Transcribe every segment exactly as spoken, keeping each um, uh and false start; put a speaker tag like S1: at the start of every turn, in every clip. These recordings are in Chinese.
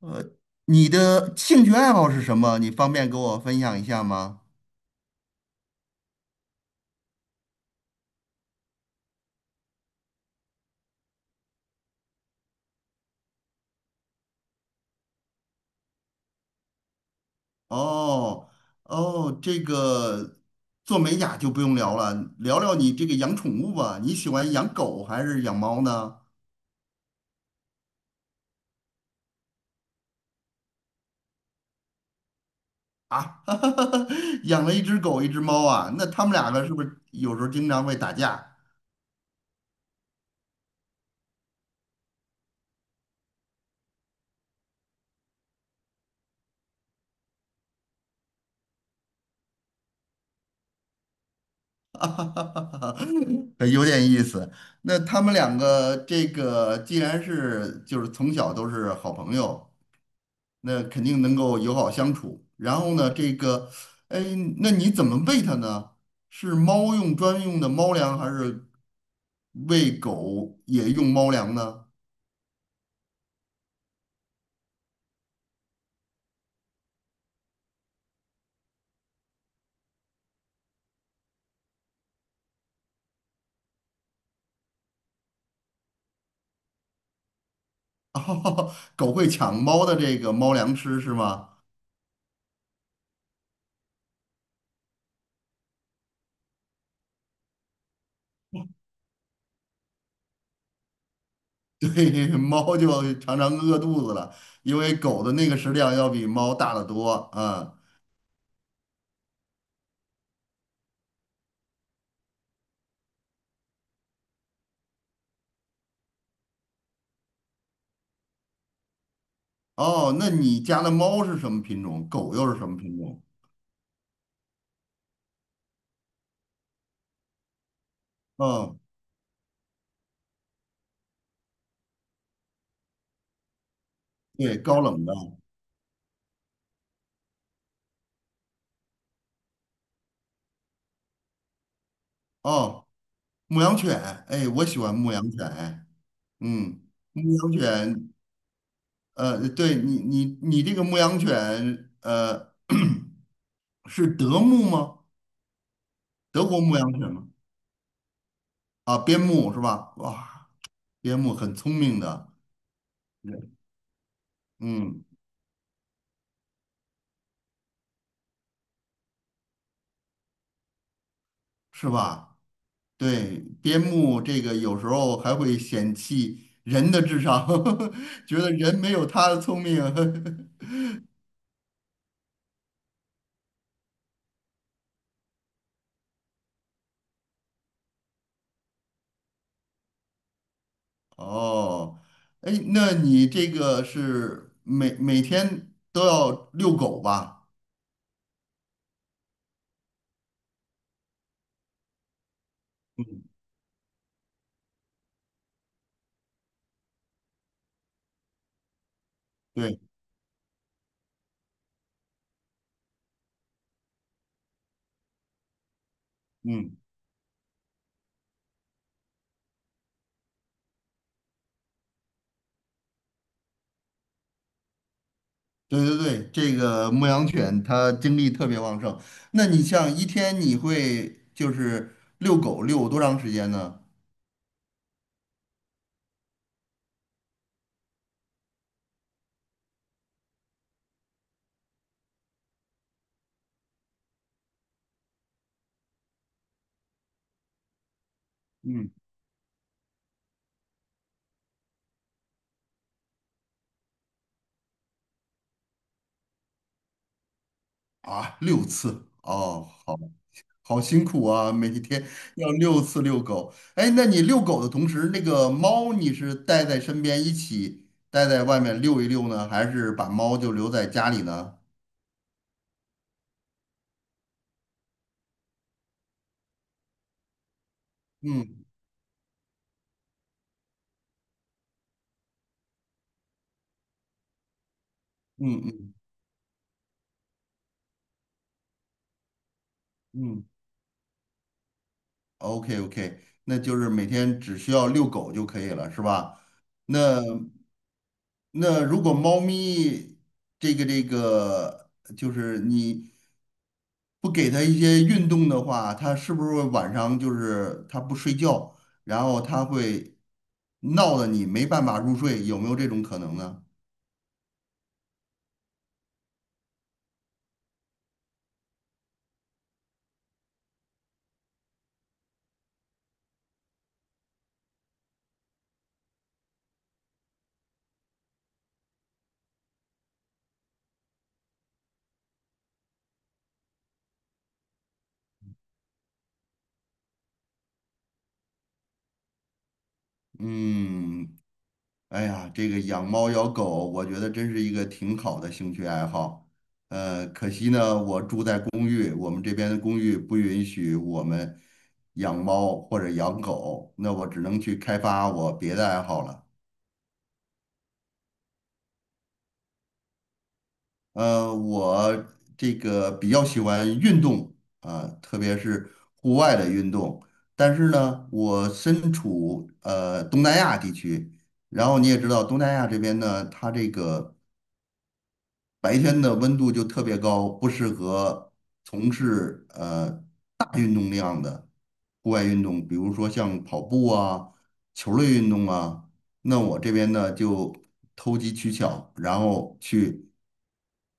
S1: 呃，你的兴趣爱好是什么？你方便给我分享一下吗？哦哦，这个做美甲就不用聊了，聊聊你这个养宠物吧。你喜欢养狗还是养猫呢？啊，养了一只狗，一只猫啊，那他们两个是不是有时候经常会打架？有点意思。那他们两个这个既然是就是从小都是好朋友。那肯定能够友好相处。然后呢，这个，哎，那你怎么喂它呢？是猫用专用的猫粮，还是喂狗也用猫粮呢？狗会抢猫的这个猫粮吃是吗？对，猫就常常饿肚子了，因为狗的那个食量要比猫大得多啊。哦，那你家的猫是什么品种？狗又是什么品种？嗯，对，高冷的。哦，牧羊犬，哎，我喜欢牧羊犬。嗯，牧羊犬，呃，对你，你，你这个牧羊犬，呃，是德牧吗？德国牧羊犬吗？啊，边牧是吧？哇，边牧很聪明的，嗯，是吧？对，边牧这个有时候还会嫌弃人的智商，觉得人没有它的聪明。哦，哎，那你这个是每每天都要遛狗吧？嗯，对，嗯。对对对，这个牧羊犬它精力特别旺盛。那你像一天你会就是遛狗遛多长时间呢？嗯，啊，六次哦，好好辛苦啊，每天要六次遛狗。哎，那你遛狗的同时，那个猫你是带在身边一起带在外面遛一遛呢，还是把猫就留在家里呢？嗯嗯嗯嗯，OK OK，那就是每天只需要遛狗就可以了，是吧？那那如果猫咪这个这个，就是你不给它一些运动的话，它是不是会晚上就是它不睡觉，然后它会闹得你没办法入睡？有没有这种可能呢？嗯，哎呀，这个养猫养狗，我觉得真是一个挺好的兴趣爱好。呃，可惜呢，我住在公寓，我们这边的公寓不允许我们养猫或者养狗，那我只能去开发我别的爱好了。呃，我这个比较喜欢运动啊，特别是户外的运动。但是呢，我身处呃东南亚地区，然后你也知道东南亚这边呢，它这个。白天的温度就特别高，不适合从事呃大运动量的户外运动，比如说像跑步啊、球类运动啊。那我这边呢就投机取巧，然后去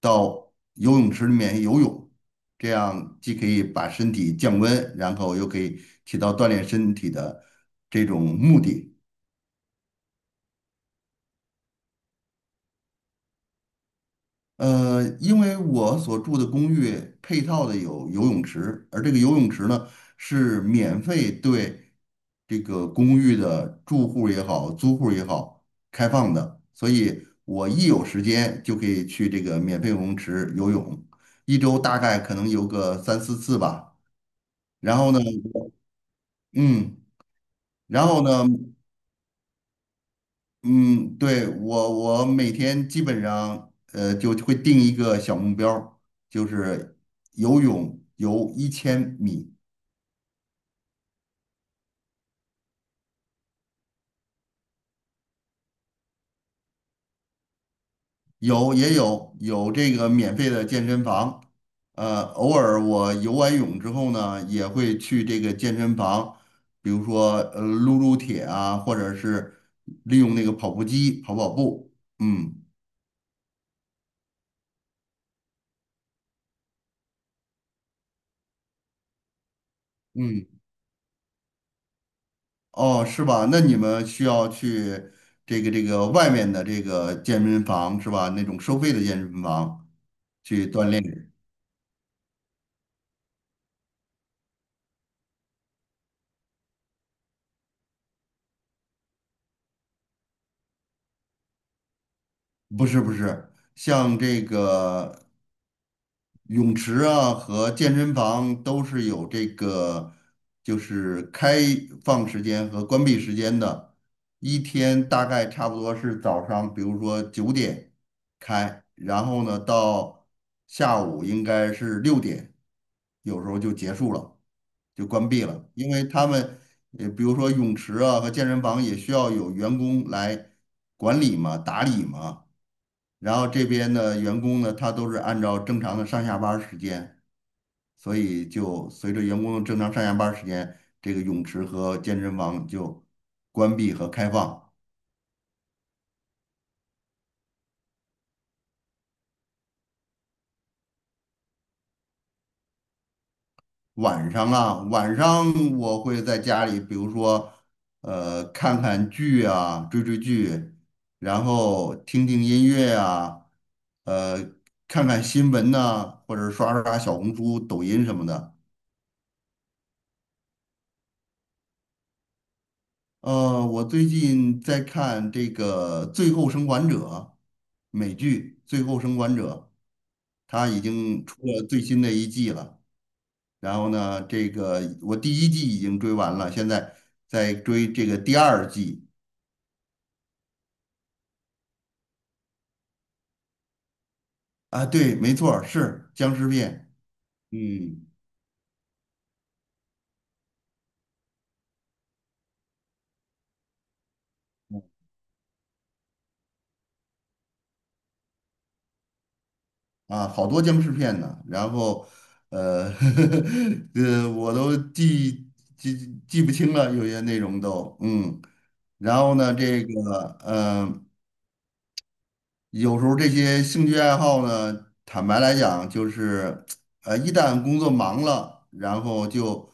S1: 到游泳池里面游泳，这样既可以把身体降温，然后又可以起到锻炼身体的这种目的。呃，因为我所住的公寓配套的有游泳池，而这个游泳池呢是免费对这个公寓的住户也好、租户也好开放的，所以我一有时间就可以去这个免费游泳池游泳，一周大概可能游个三四次吧。然后呢，嗯，然后呢。嗯，对，我我每天基本上呃就会定一个小目标儿就是游泳游一千米，有也有有这个免费的健身房，呃，偶尔我游完泳之后呢，也会去这个健身房，比如说呃撸撸铁啊，或者是利用那个跑步机跑跑步，嗯嗯。哦，是吧？那你们需要去这个这个外面的这个健身房是吧？那种收费的健身房去锻炼。不是不是，像这个泳池啊和健身房都是有这个，就是开放时间和关闭时间的，一天大概差不多是早上，比如说九点开，然后呢到下午应该是六点，有时候就结束了，就关闭了，因为他们呃，比如说泳池啊和健身房也需要有员工来管理嘛、打理嘛。然后这边的员工呢，他都是按照正常的上下班儿时间，所以就随着员工的正常上下班儿时间，这个泳池和健身房就关闭和开放。晚上啊，晚上我会在家里，比如说，呃，看看剧啊，追追剧，然后听听音乐啊，呃，看看新闻呐、或者刷刷小红书、抖音什么的。呃，我最近在看这个《最后生还者》美剧《最后生还者》，它已经出了最新的一季了。然后呢，这个我第一季已经追完了，现在在追这个第二季。啊，对，没错儿是僵尸片。嗯，啊，好多僵尸片呢。然后，呃，呃，我都记记记不清了，有些内容都，嗯。然后呢，这个，呃。有时候这些兴趣爱好呢，坦白来讲，就是，呃，一旦工作忙了，然后就，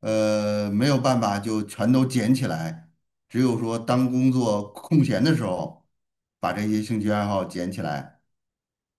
S1: 呃，没有办法就全都捡起来，只有说当工作空闲的时候，把这些兴趣爱好捡起来。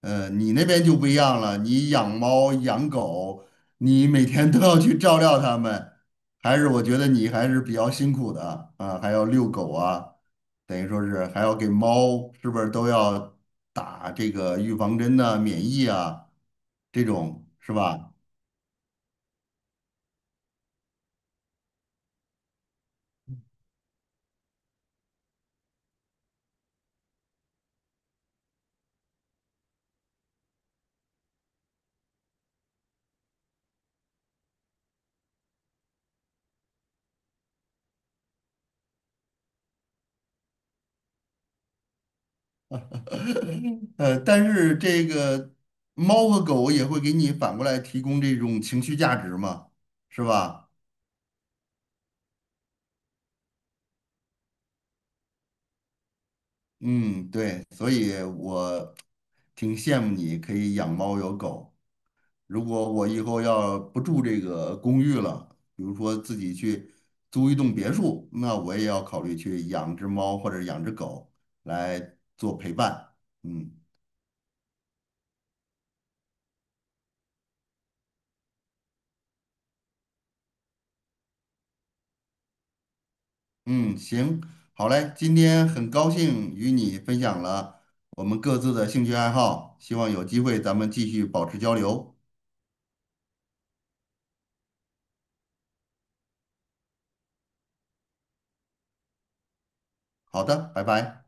S1: 呃，你那边就不一样了，你养猫养狗，你每天都要去照料它们，还是我觉得你还是比较辛苦的啊，还要遛狗啊，等于说是还要给猫，是不是都要打这个预防针呐、免疫啊，这种是吧？呃，但是这个猫和狗也会给你反过来提供这种情绪价值嘛，是吧？嗯，对，所以我挺羡慕你可以养猫有狗。如果我以后要不住这个公寓了，比如说自己去租一栋别墅，那我也要考虑去养只猫或者养只狗来做陪伴。嗯嗯，行，好嘞，今天很高兴与你分享了我们各自的兴趣爱好，希望有机会咱们继续保持交流。好的，拜拜。